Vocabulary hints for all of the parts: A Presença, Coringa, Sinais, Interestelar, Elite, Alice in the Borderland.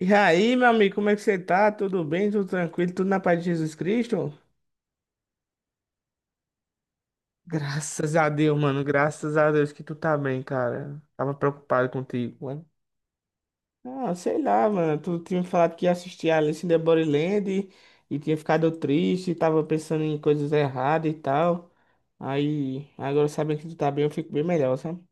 E aí, meu amigo, como é que você tá? Tudo bem? Tudo tranquilo? Tudo na paz de Jesus Cristo? Graças a Deus, mano. Graças a Deus que tu tá bem, cara. Tava preocupado contigo, mano. Ah, sei lá, mano. Tu tinha me falado que ia assistir Alice in the Borderland e tinha ficado triste, tava pensando em coisas erradas e tal. Aí, agora sabendo que tu tá bem, eu fico bem melhor, sabe?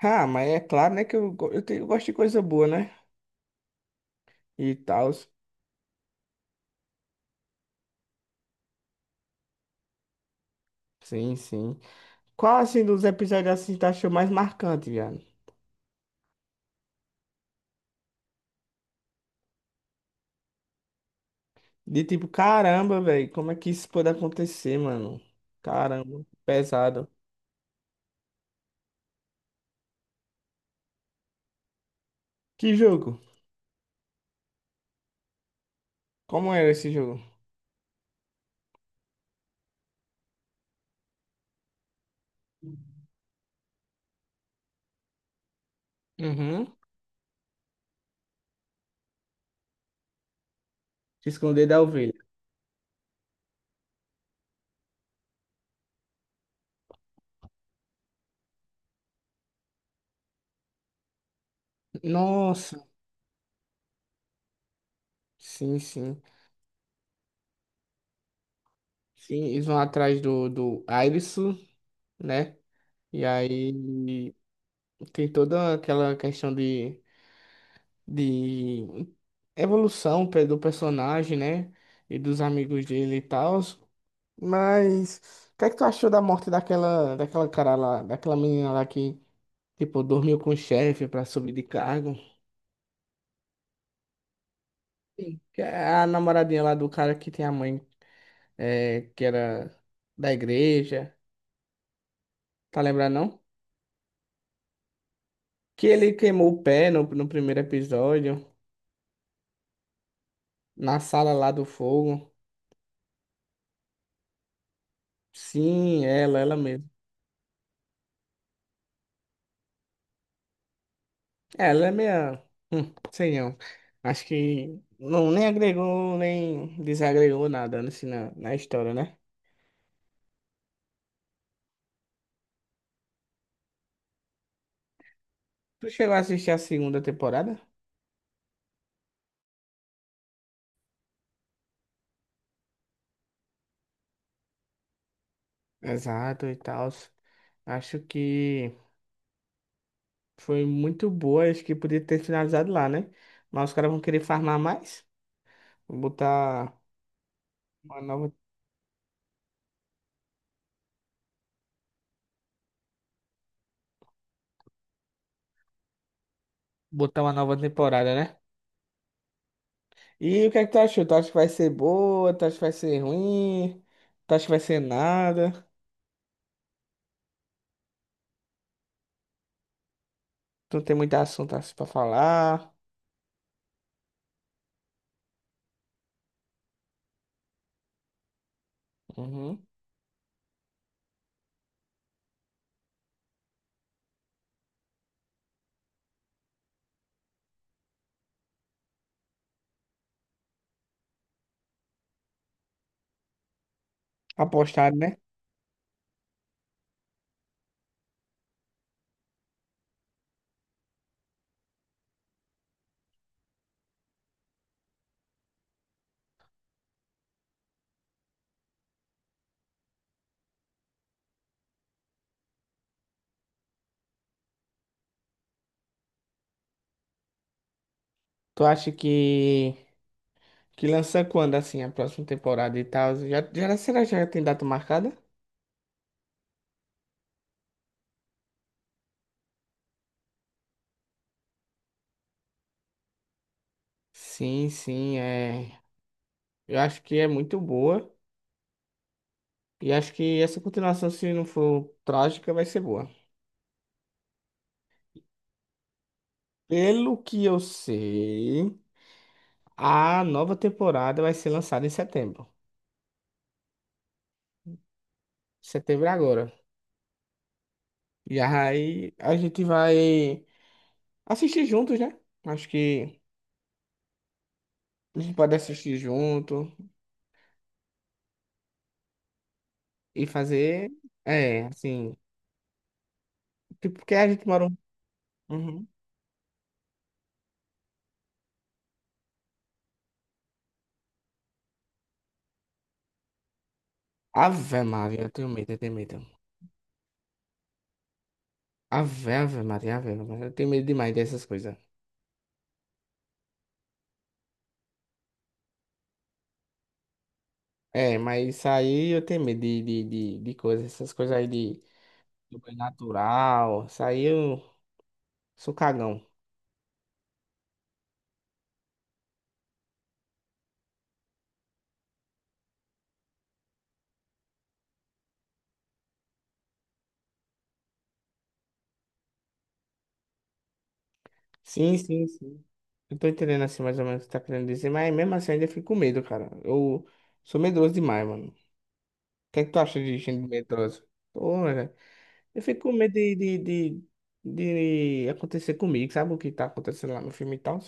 Ah, mas é claro, né, que eu, go- eu, tenho- eu gosto de coisa boa, né? E tal. Sim, sim. Qual, assim, dos episódios, assim, tu achou mais marcante, viado? De tipo, caramba, velho, como é que isso pode acontecer, mano? Caramba, pesado. Que jogo? Como era esse jogo? Uhum. Se esconder da ovelha. Nossa, sim, sim. Sim, eles vão atrás do Airisu, né? E aí tem toda aquela questão de evolução do personagem, né? E dos amigos dele e tal. Mas, o que é que tu achou da morte daquela cara lá, daquela menina lá que tipo, dormiu com o chefe pra subir de cargo. Sim. Que é a namoradinha lá do cara que tem a mãe, é, que era da igreja. Tá lembrando, não? Que ele queimou o pé no primeiro episódio, na sala lá do fogo. Sim, ela mesmo. Ela é meia. Sei não. Acho que não, nem agregou, nem desagregou nada na história, né? Tu chegou a assistir a segunda temporada? Exato e tal. Acho que. Foi muito boa, acho que podia ter finalizado lá, né? Mas os caras vão querer farmar mais. Vou uma nova, botar uma nova temporada, né? E o que é que tu achou? Tu acha que vai ser boa? Tu acha que vai ser ruim? Tu acha que vai ser nada? Tu não tem muito assunto assim pra falar? Uhum. Apostado, né? Tu acha que lança quando, assim, a próxima temporada e tal? Será que já tem data marcada? Sim, sim, é. Eu acho que é muito boa. E acho que essa continuação, se não for trágica, vai ser boa. Pelo que eu sei, a nova temporada vai ser lançada em setembro. Setembro é agora. E aí a gente vai assistir juntos, né? Acho que a gente pode assistir junto e fazer. É, assim. Tipo, porque a gente mora. Um- uhum. Ave Maria, eu tenho medo, eu tenho medo. Ave, Ave Maria, Ave Maria. Eu tenho medo demais dessas coisas. É, mas isso aí eu tenho medo de coisas, essas coisas aí de. Super natural. Saiu. Sou cagão. Sim, sim, sim. Eu tô entendendo assim mais ou menos o que tá querendo dizer, mas mesmo assim eu ainda fico com medo, cara. Eu sou medroso demais, mano. O que é que tu acha de gente medrosa? Pô, velho. Eu fico com medo de acontecer comigo, sabe o que tá acontecendo lá no filme e tal?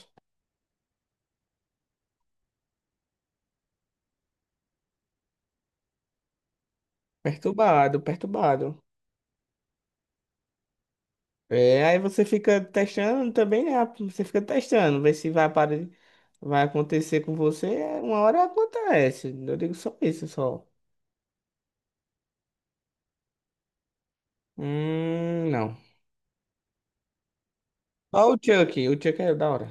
Perturbado, perturbado. É, aí você fica testando também, né? Você fica testando, ver se vai, vai acontecer com você. Uma hora acontece. Eu digo só isso, só. Não. Ó o Chuck. O Chuck é da hora.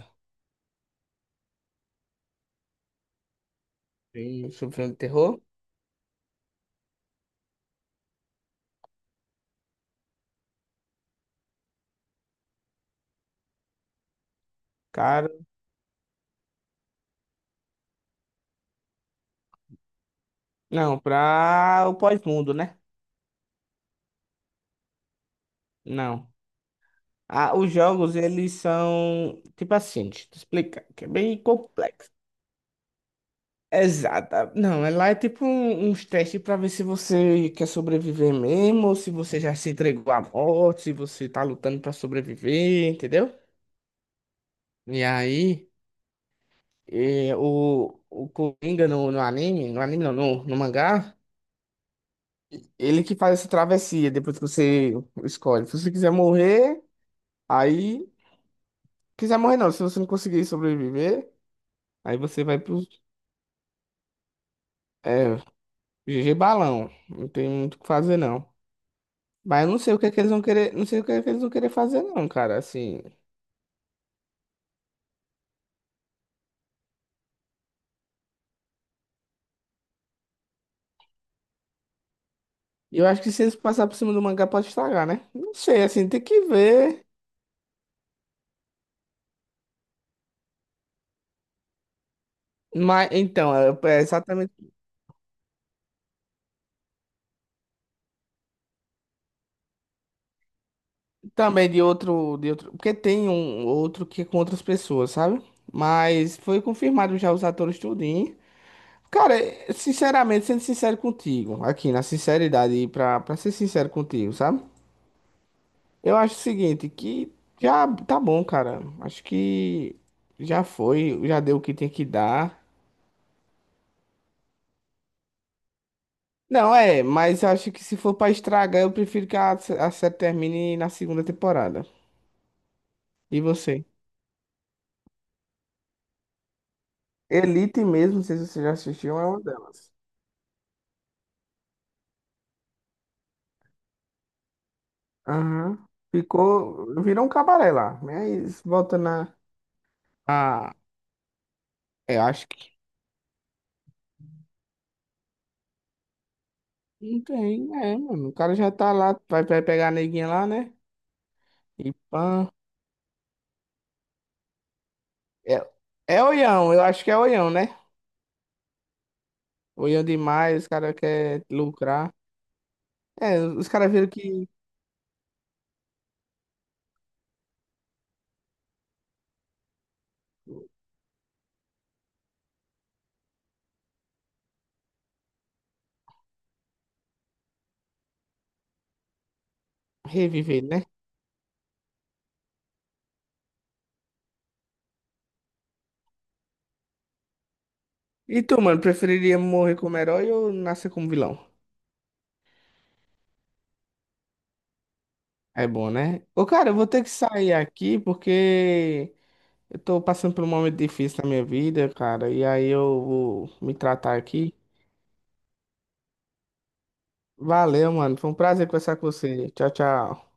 Tem sobre filme de terror? Cara, não, pra o pós-mundo, né? Não. Ah, os jogos, eles são tipo assim, deixa eu te explicar, que é bem complexo. Exata. Não, é lá é tipo uns testes pra ver se você quer sobreviver mesmo, ou se você já se entregou à morte, se você tá lutando pra sobreviver, entendeu? E aí, o Coringa no, no anime, no anime não, no, no mangá. Ele que faz essa travessia depois que você escolhe. Se você quiser morrer, aí. Quiser morrer não, se você não conseguir sobreviver, aí você vai pro. É, GG balão. Não tem muito o que fazer, não. Mas eu não sei o que é que eles vão querer. Não sei o que é que eles vão querer fazer, não, cara. Assim. Eu acho que se eles passar por cima do mangá, pode estragar, né? Não sei, assim, tem que ver. Mas então, é é exatamente. Também de outro, de outro. Porque tem um outro que é com outras pessoas, sabe? Mas foi confirmado já os atores tudinho. Cara, é- sinceramente, sendo sincero contigo, aqui na sinceridade, e pra ser sincero contigo, sabe? Eu acho o seguinte, que já tá bom, cara. Acho que já foi, já deu o que tem que dar. Não, é, mas acho que se for pra estragar, eu prefiro que a série termine na segunda temporada. E você? Elite mesmo, não sei se você já assistiu, é uma delas. Aham. Ficou, virou um cabaré lá, mas volta na. Ah, eu acho. Não tem, é, mano. O cara já tá lá, vai, vai pegar a neguinha lá, né? E pã. É, é oião, eu acho que é oião, né? Oião demais, os caras querem lucrar. É, os caras viram que reviver, né? E tu, mano, preferiria morrer como herói ou nascer como vilão? É bom, né? Ô, cara, eu vou ter que sair aqui porque eu tô passando por um momento difícil na minha vida, cara. E aí eu vou me tratar aqui. Valeu, mano. Foi um prazer conversar com você. Tchau, tchau.